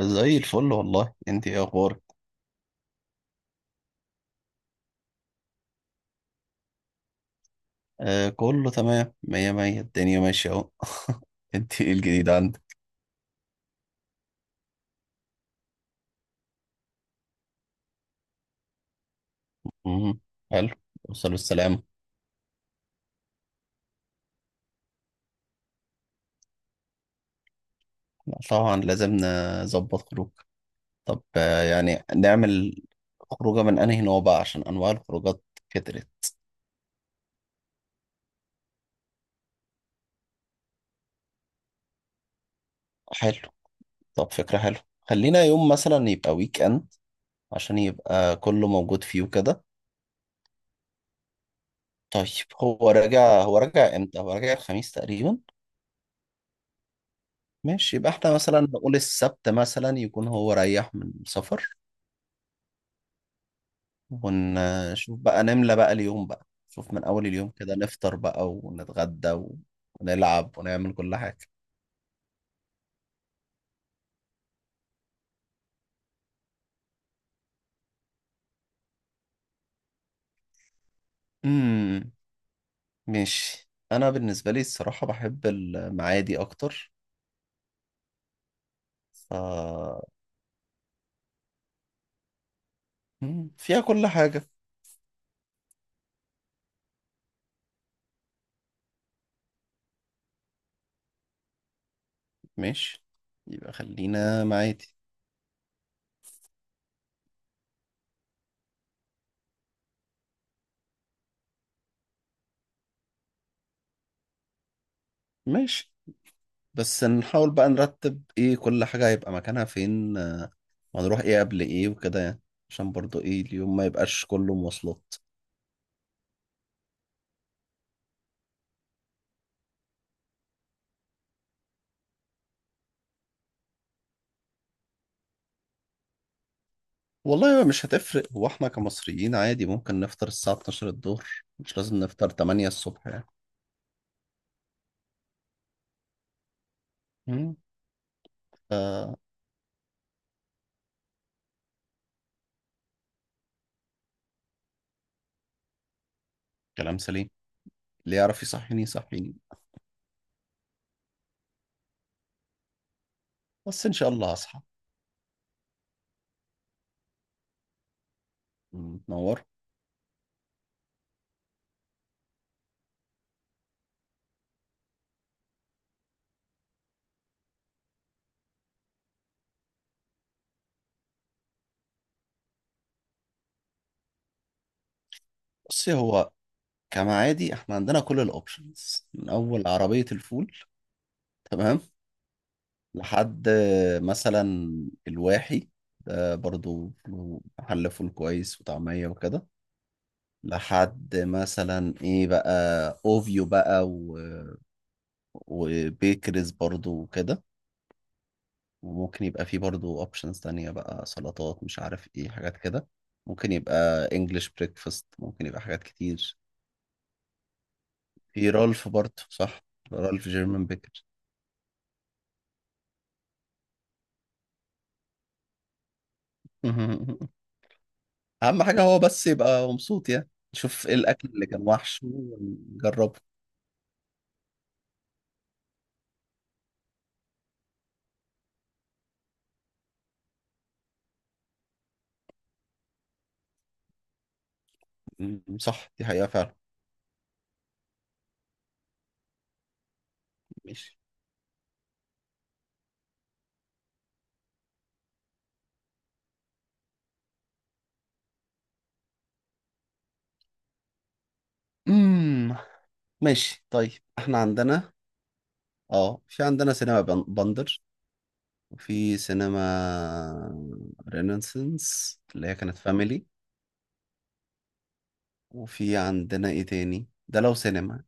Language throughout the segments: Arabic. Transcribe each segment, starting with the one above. زي الفل والله. انت ايه اخبارك؟ آه كله تمام، مية مية، الدنيا ماشية اهو. انت ايه الجديد عندك؟ مم، حلو. وصلوا السلام. طبعا لازم نظبط خروج. طب آه يعني نعمل خروجة من انهي نوع بقى، عشان انواع الخروجات كترت. حلو، طب فكرة حلوة. خلينا يوم مثلا يبقى ويك اند، عشان يبقى كله موجود فيه وكده. طيب، هو راجع، هو راجع امتى؟ هو راجع الخميس تقريبا. ماشي، يبقى احنا مثلا نقول السبت مثلا، يكون هو ريح من السفر. ونشوف بقى نملى بقى اليوم بقى، شوف من أول اليوم كده، نفطر بقى ونتغدى ونلعب ونعمل كل حاجة. امم ماشي. أنا بالنسبة لي الصراحة بحب المعادي أكتر. ف مم، فيها كل حاجة. ماشي، يبقى خلينا معادي. ماشي، بس نحاول بقى نرتب ايه كل حاجة هيبقى مكانها فين، وهنروح ايه قبل ايه وكده يعني، عشان برضو ايه اليوم ما يبقاش كله مواصلات. والله هو مش هتفرق، هو احنا كمصريين عادي ممكن نفطر الساعة 12 الظهر، مش لازم نفطر 8 الصبح يعني. مم. آه، كلام سليم، اللي يعرف يصحيني يصحيني، بس ان شاء الله هصحى. مم. تنور. بصي هو كما عادي احنا عندنا كل الاوبشنز، من اول عربية الفول تمام، لحد مثلا الواحي، ده برضو له محل فول كويس وطعمية وكده، لحد مثلا ايه بقى اوفيو بقى وبيكرز برضو وكده. وممكن يبقى فيه برضو اوبشنز تانية بقى، سلطات مش عارف ايه حاجات كده. ممكن يبقى انجلش بريكفاست، ممكن يبقى حاجات كتير. في رالف برضو صح، رالف جيرمان بيكر. اهم حاجة هو بس يبقى مبسوط يعني، شوف ايه الاكل اللي كان وحش وجربه. صح دي حقيقة فعلا. ماشي. امم ماشي طيب. احنا عندنا اه في عندنا سينما بندر، وفي سينما رينيسانس اللي هي كانت فاميلي، وفي عندنا ايه تاني ده لو سينما.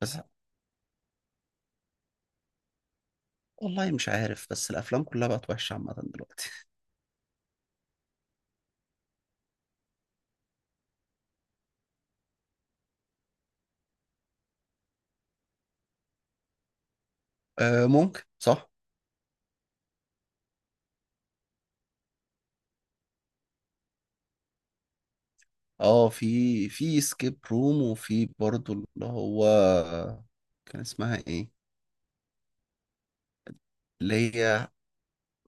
بس والله مش عارف، بس الافلام كلها بقت وحشة عامة دلوقتي. آه ممكن صح. اه في سكيب روم، وفي برضو اللي هو كان اسمها ايه، اللي هي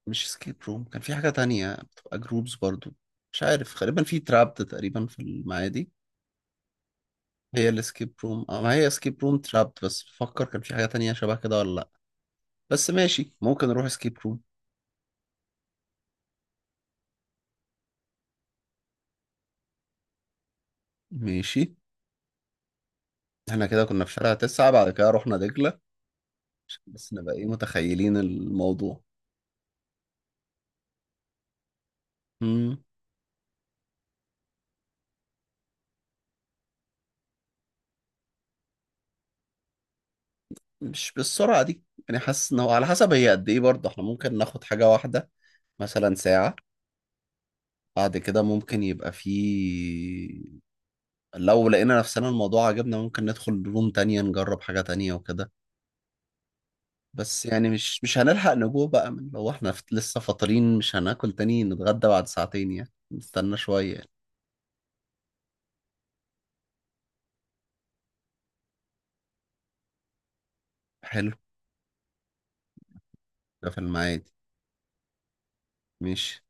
مش سكيب روم، كان في حاجة تانية بتبقى جروبز برضو، مش عارف، غالبا في ترابت تقريبا في المعادي. هي الاسكيب روم، اه ما هي اسكيب روم ترابت، بس بفكر كان في حاجة تانية شبه كده ولا لأ. بس ماشي ممكن نروح اسكيب روم. ماشي، احنا كده كنا في شارع تسعة، بعد كده رحنا دجلة، عشان بس نبقى ايه متخيلين الموضوع. مم. مش بالسرعة دي، يعني حاسس ان هو على حسب هي قد ايه برضه. احنا ممكن ناخد حاجة واحدة مثلا ساعة، بعد كده ممكن يبقى في، لو لقينا نفسنا الموضوع عجبنا ممكن ندخل روم تانية نجرب حاجة تانية وكده. بس يعني مش هنلحق نجوع بقى، من لو احنا لسه فاطرين، مش هناكل تاني، نتغدى بعد ساعتين يعني، نستنى شوية يعني. حلو. ده في المعادي. ماشي.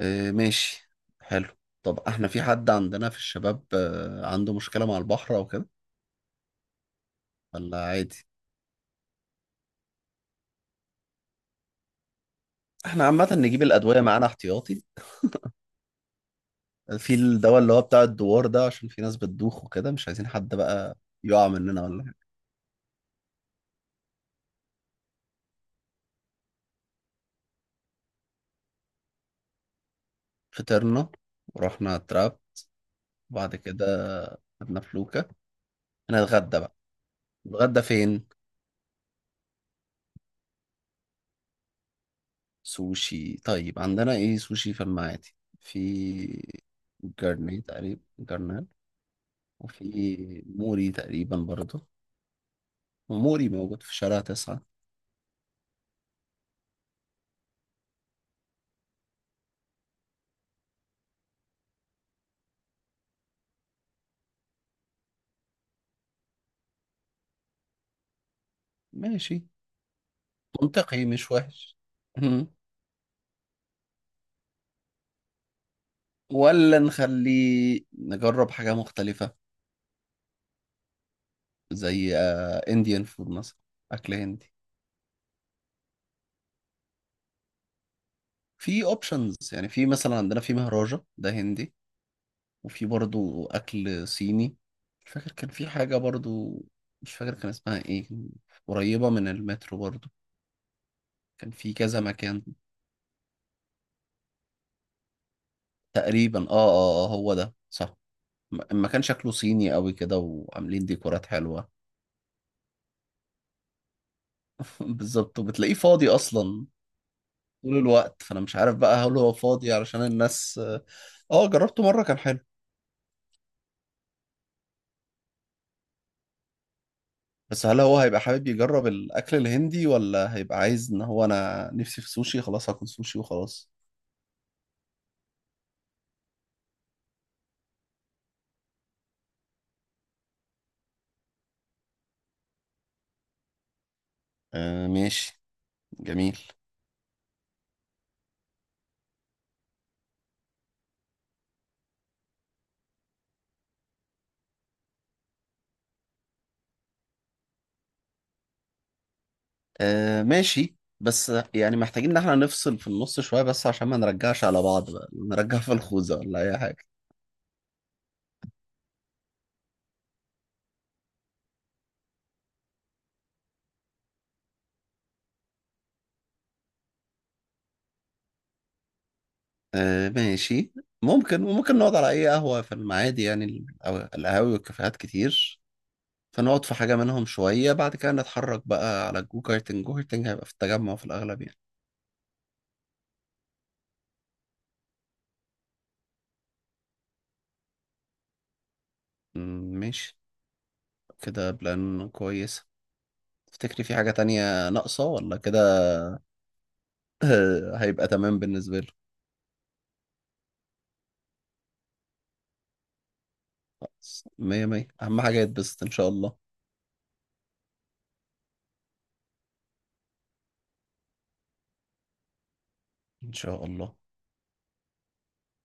اه ماشي، حلو. طب احنا في حد عندنا في الشباب، عنده مشكلة مع البحر او كده، ولا عادي؟ احنا عامة نجيب الأدوية معانا احتياطي، في الدواء اللي هو بتاع الدوار ده، عشان في ناس بتدوخ وكده، مش عايزين حد بقى يقع مننا ولا. فطرنا ورحنا على التراب، وبعد كده خدنا فلوكة، هنتغدى بقى. نتغدى فين؟ سوشي. طيب عندنا ايه سوشي في المعادي؟ في جرني تقريبا، جرنال وفي موري تقريبا برضه. وموري موجود في شارع تسعة. ماشي منطقي مش وحش. مم. ولا نخليه نجرب حاجة مختلفة، زي انديان فود مثلا، أكل هندي. في اوبشنز يعني، في مثلا عندنا في مهراجة ده هندي، وفي برضو أكل صيني. مش فاكر كان في حاجة برضو، مش فاكر كان اسمها ايه، قريبة من المترو برضو، كان في كذا مكان. تقريبا اه اه اه هو ده صح. المكان شكله صيني قوي كده، وعاملين ديكورات حلوة. بالظبط، وبتلاقيه فاضي أصلا طول الوقت، فأنا مش عارف بقى هل هو فاضي علشان الناس. اه جربته مرة كان حلو. بس هل هو هيبقى حابب يجرب الأكل الهندي، ولا هيبقى عايز إن هو أنا نفسي في سوشي خلاص هاكل سوشي وخلاص؟ آه ماشي، جميل. آه ماشي، بس يعني محتاجين ان احنا نفصل في النص شوية، بس عشان ما نرجعش على بعض بقى، نرجع في الخوذة ولا اي حاجة. آه ماشي ممكن. وممكن نقعد على اي قهوة في المعادي يعني، أو القهاوي والكافيهات كتير. فنقعد في حاجة منهم شوية، بعد كده نتحرك بقى على الجو كارتنج. جو كارتنج هيبقى في التجمع في الأغلب يعني. مم، ماشي. كده بلان كويس. تفتكري في حاجة تانية ناقصة ولا كده؟ هيبقى تمام بالنسبة له. خلاص مية مية، أهم حاجة يتبسط إن شاء الله. إن شاء الله.